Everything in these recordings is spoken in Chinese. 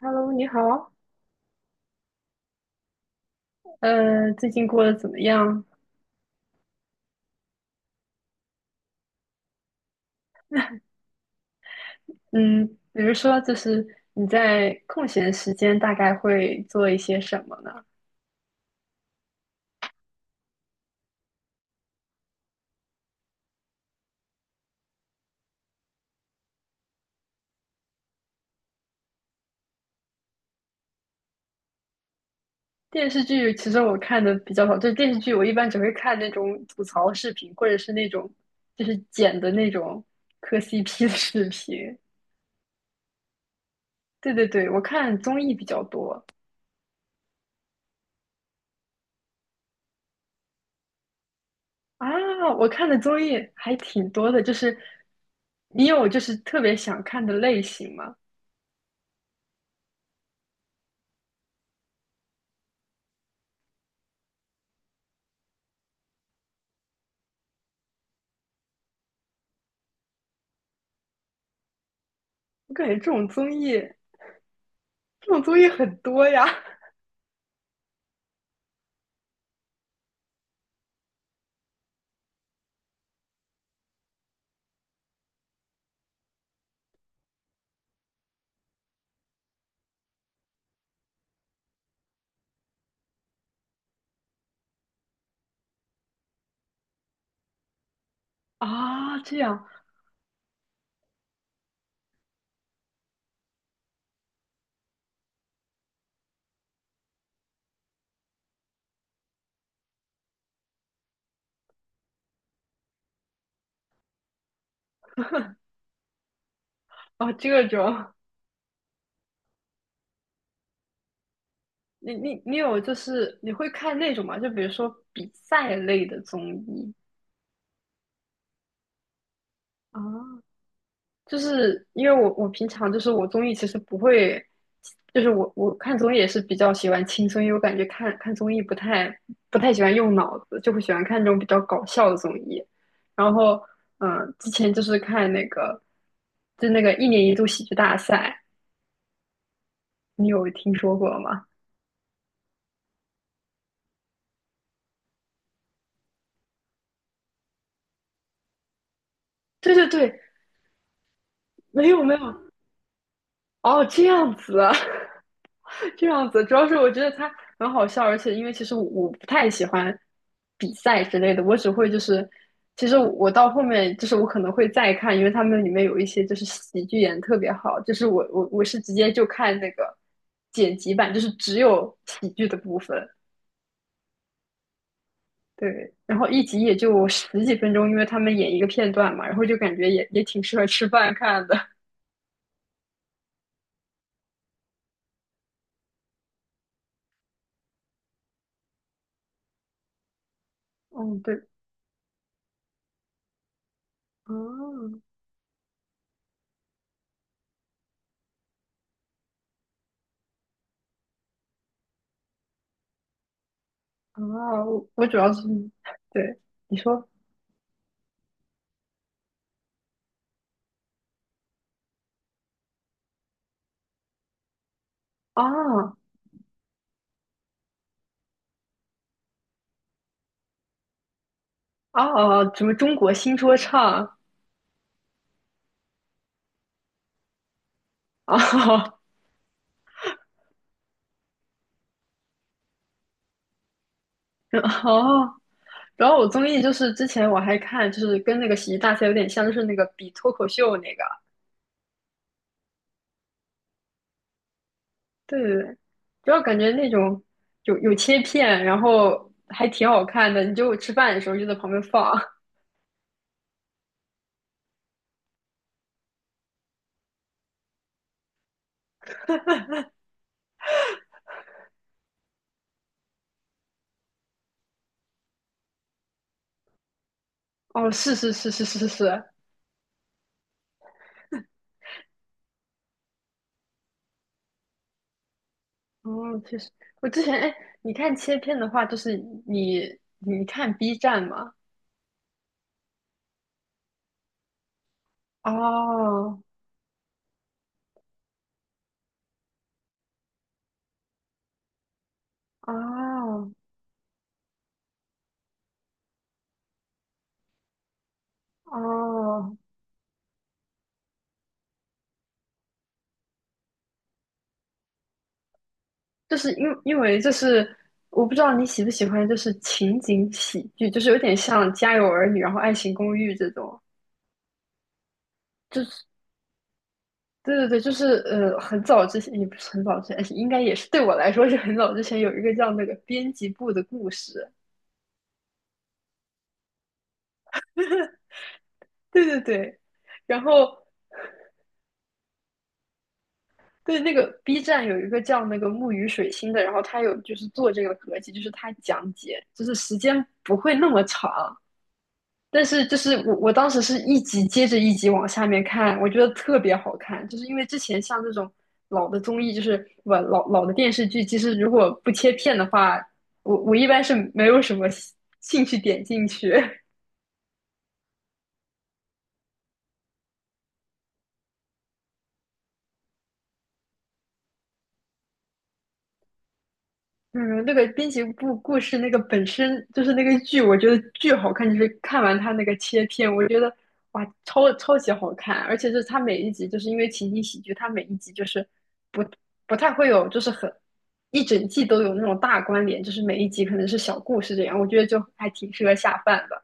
Hello，你好，最近过得怎么样？嗯，比如说，就是你在空闲时间大概会做一些什么呢？电视剧其实我看的比较少，就是电视剧我一般只会看那种吐槽视频，或者是那种就是剪的那种磕 CP 的视频。对对对，我看综艺比较多啊，我看的综艺还挺多的，就是你有就是特别想看的类型吗？我感觉这种综艺很多呀。啊，这样啊，这种你有就是你会看那种吗？就比如说比赛类的综艺啊，就是因为我平常就是我综艺其实不会，就是我看综艺也是比较喜欢轻松，因为我感觉看看综艺不太喜欢用脑子，就会喜欢看那种比较搞笑的综艺。然后之前就是看那个就那个一年一度喜剧大赛，你有听说过吗？对对对，没有没有，哦，这样子啊，这样子，主要是我觉得他很好笑，而且因为其实我不太喜欢比赛之类的，我只会就是，其实我到后面就是我可能会再看，因为他们里面有一些就是喜剧演得特别好，就是我是直接就看那个剪辑版，就是只有喜剧的部分，对，然后一集也就十几分钟，因为他们演一个片段嘛，然后就感觉也挺适合吃饭看的，嗯，对，嗯。啊，我主要是，对，你说，啊啊，什么中国新说唱啊 哦，然后我综艺就是之前我还看，就是跟那个喜剧大赛有点像，就是那个比脱口秀那个，对对对，主要感觉那种有切片，然后还挺好看的，你就吃饭的时候就在旁边放，哦，是是是是是是，哦，确实，我之前哎，你看切片的话，就是你你看 B 站吗？哦，哦哦，就是因为就是我不知道你喜不喜欢，就是情景喜剧，就是有点像《家有儿女》然后《爱情公寓》这种，就是对对对，就是很早之前也不是很早之前，应该也是对我来说是很早之前有一个叫那个编辑部的故事，对对对，然后对那个 B 站有一个叫那个木鱼水星的，然后他有就是做这个合集，就是他讲解，就是时间不会那么长。但是就是我当时是一集接着一集往下面看，我觉得特别好看，就是因为之前像这种老的综艺，就是不老老的电视剧，其实如果不切片的话，我一般是没有什么兴趣点进去。嗯，那个滨崎步故事那个本身就是那个剧，我觉得巨好看。就是看完它那个切片，我觉得哇，超级好看。而且就是它每一集，就是因为情景喜剧，它每一集就是不不太会有，就是很一整季都有那种大关联，就是每一集可能是小故事这样。我觉得就还挺适合下饭的。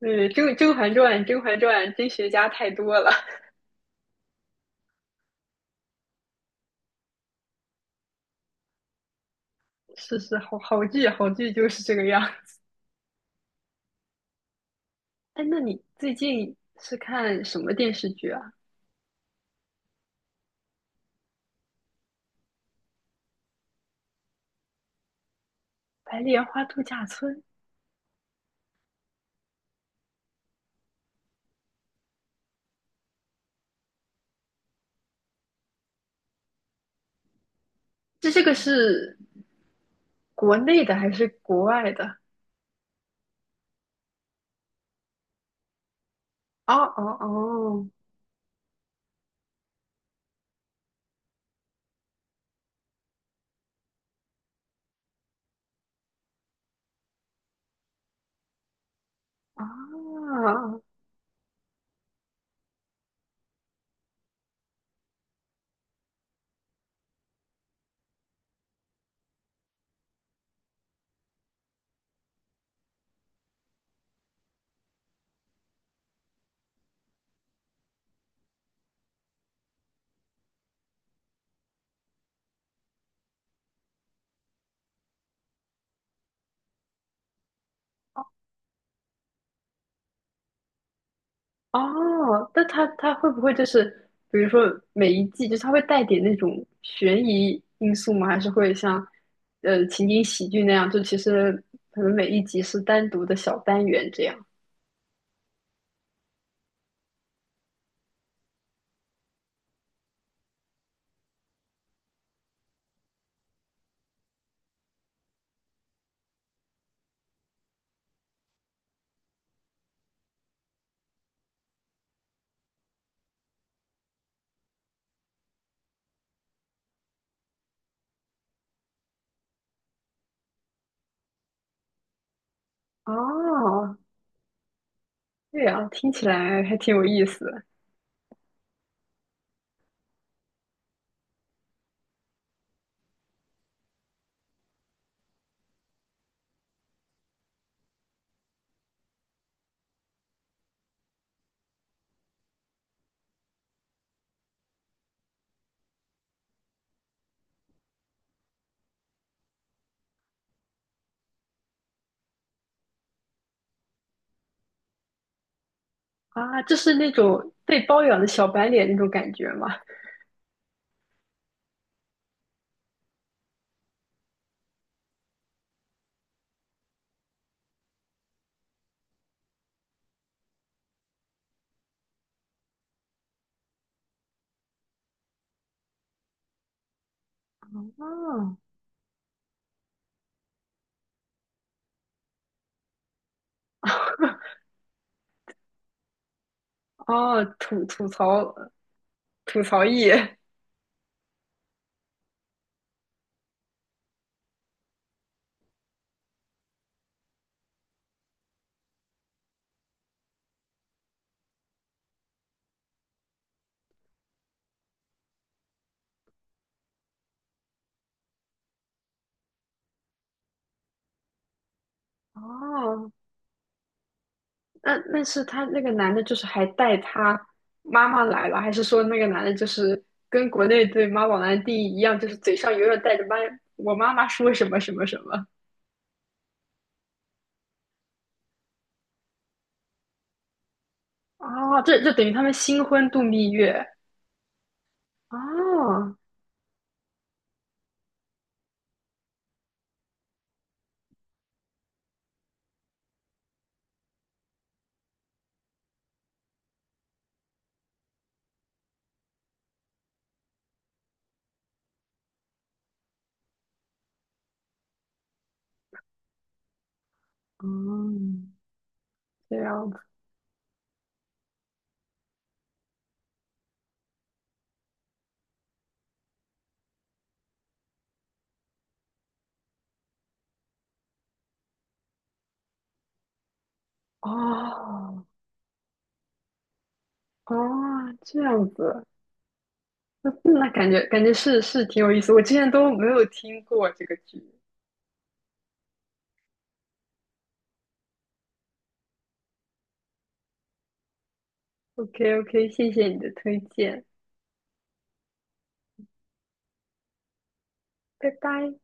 对，《甄嬛传》甄学家太多了，是是，好好剧好剧就是这个样。哎，那你最近是看什么电视剧啊？白莲花度假村，这个是国内的还是国外的？哦哦哦啊哦，那它会不会就是，比如说每一季，就是它会带点那种悬疑因素吗？还是会像情景喜剧那样，就其实可能每一集是单独的小单元这样？哦，对啊，听起来还挺有意思的啊，就是那种被包养的小白脸那种感觉吗？哦，哦，吐槽艺。哦，那是他那个男的，就是还带他妈妈来了，还是说那个男的就是跟国内对妈宝男的定义一样，就是嘴上永远带着妈我妈妈说什么什么什么？哦，这等于他们新婚度蜜月。哦，嗯，这样子。哦哦，这样子，那那感觉是挺有意思，我之前都没有听过这个剧。OK OK，谢谢你的推荐，拜拜。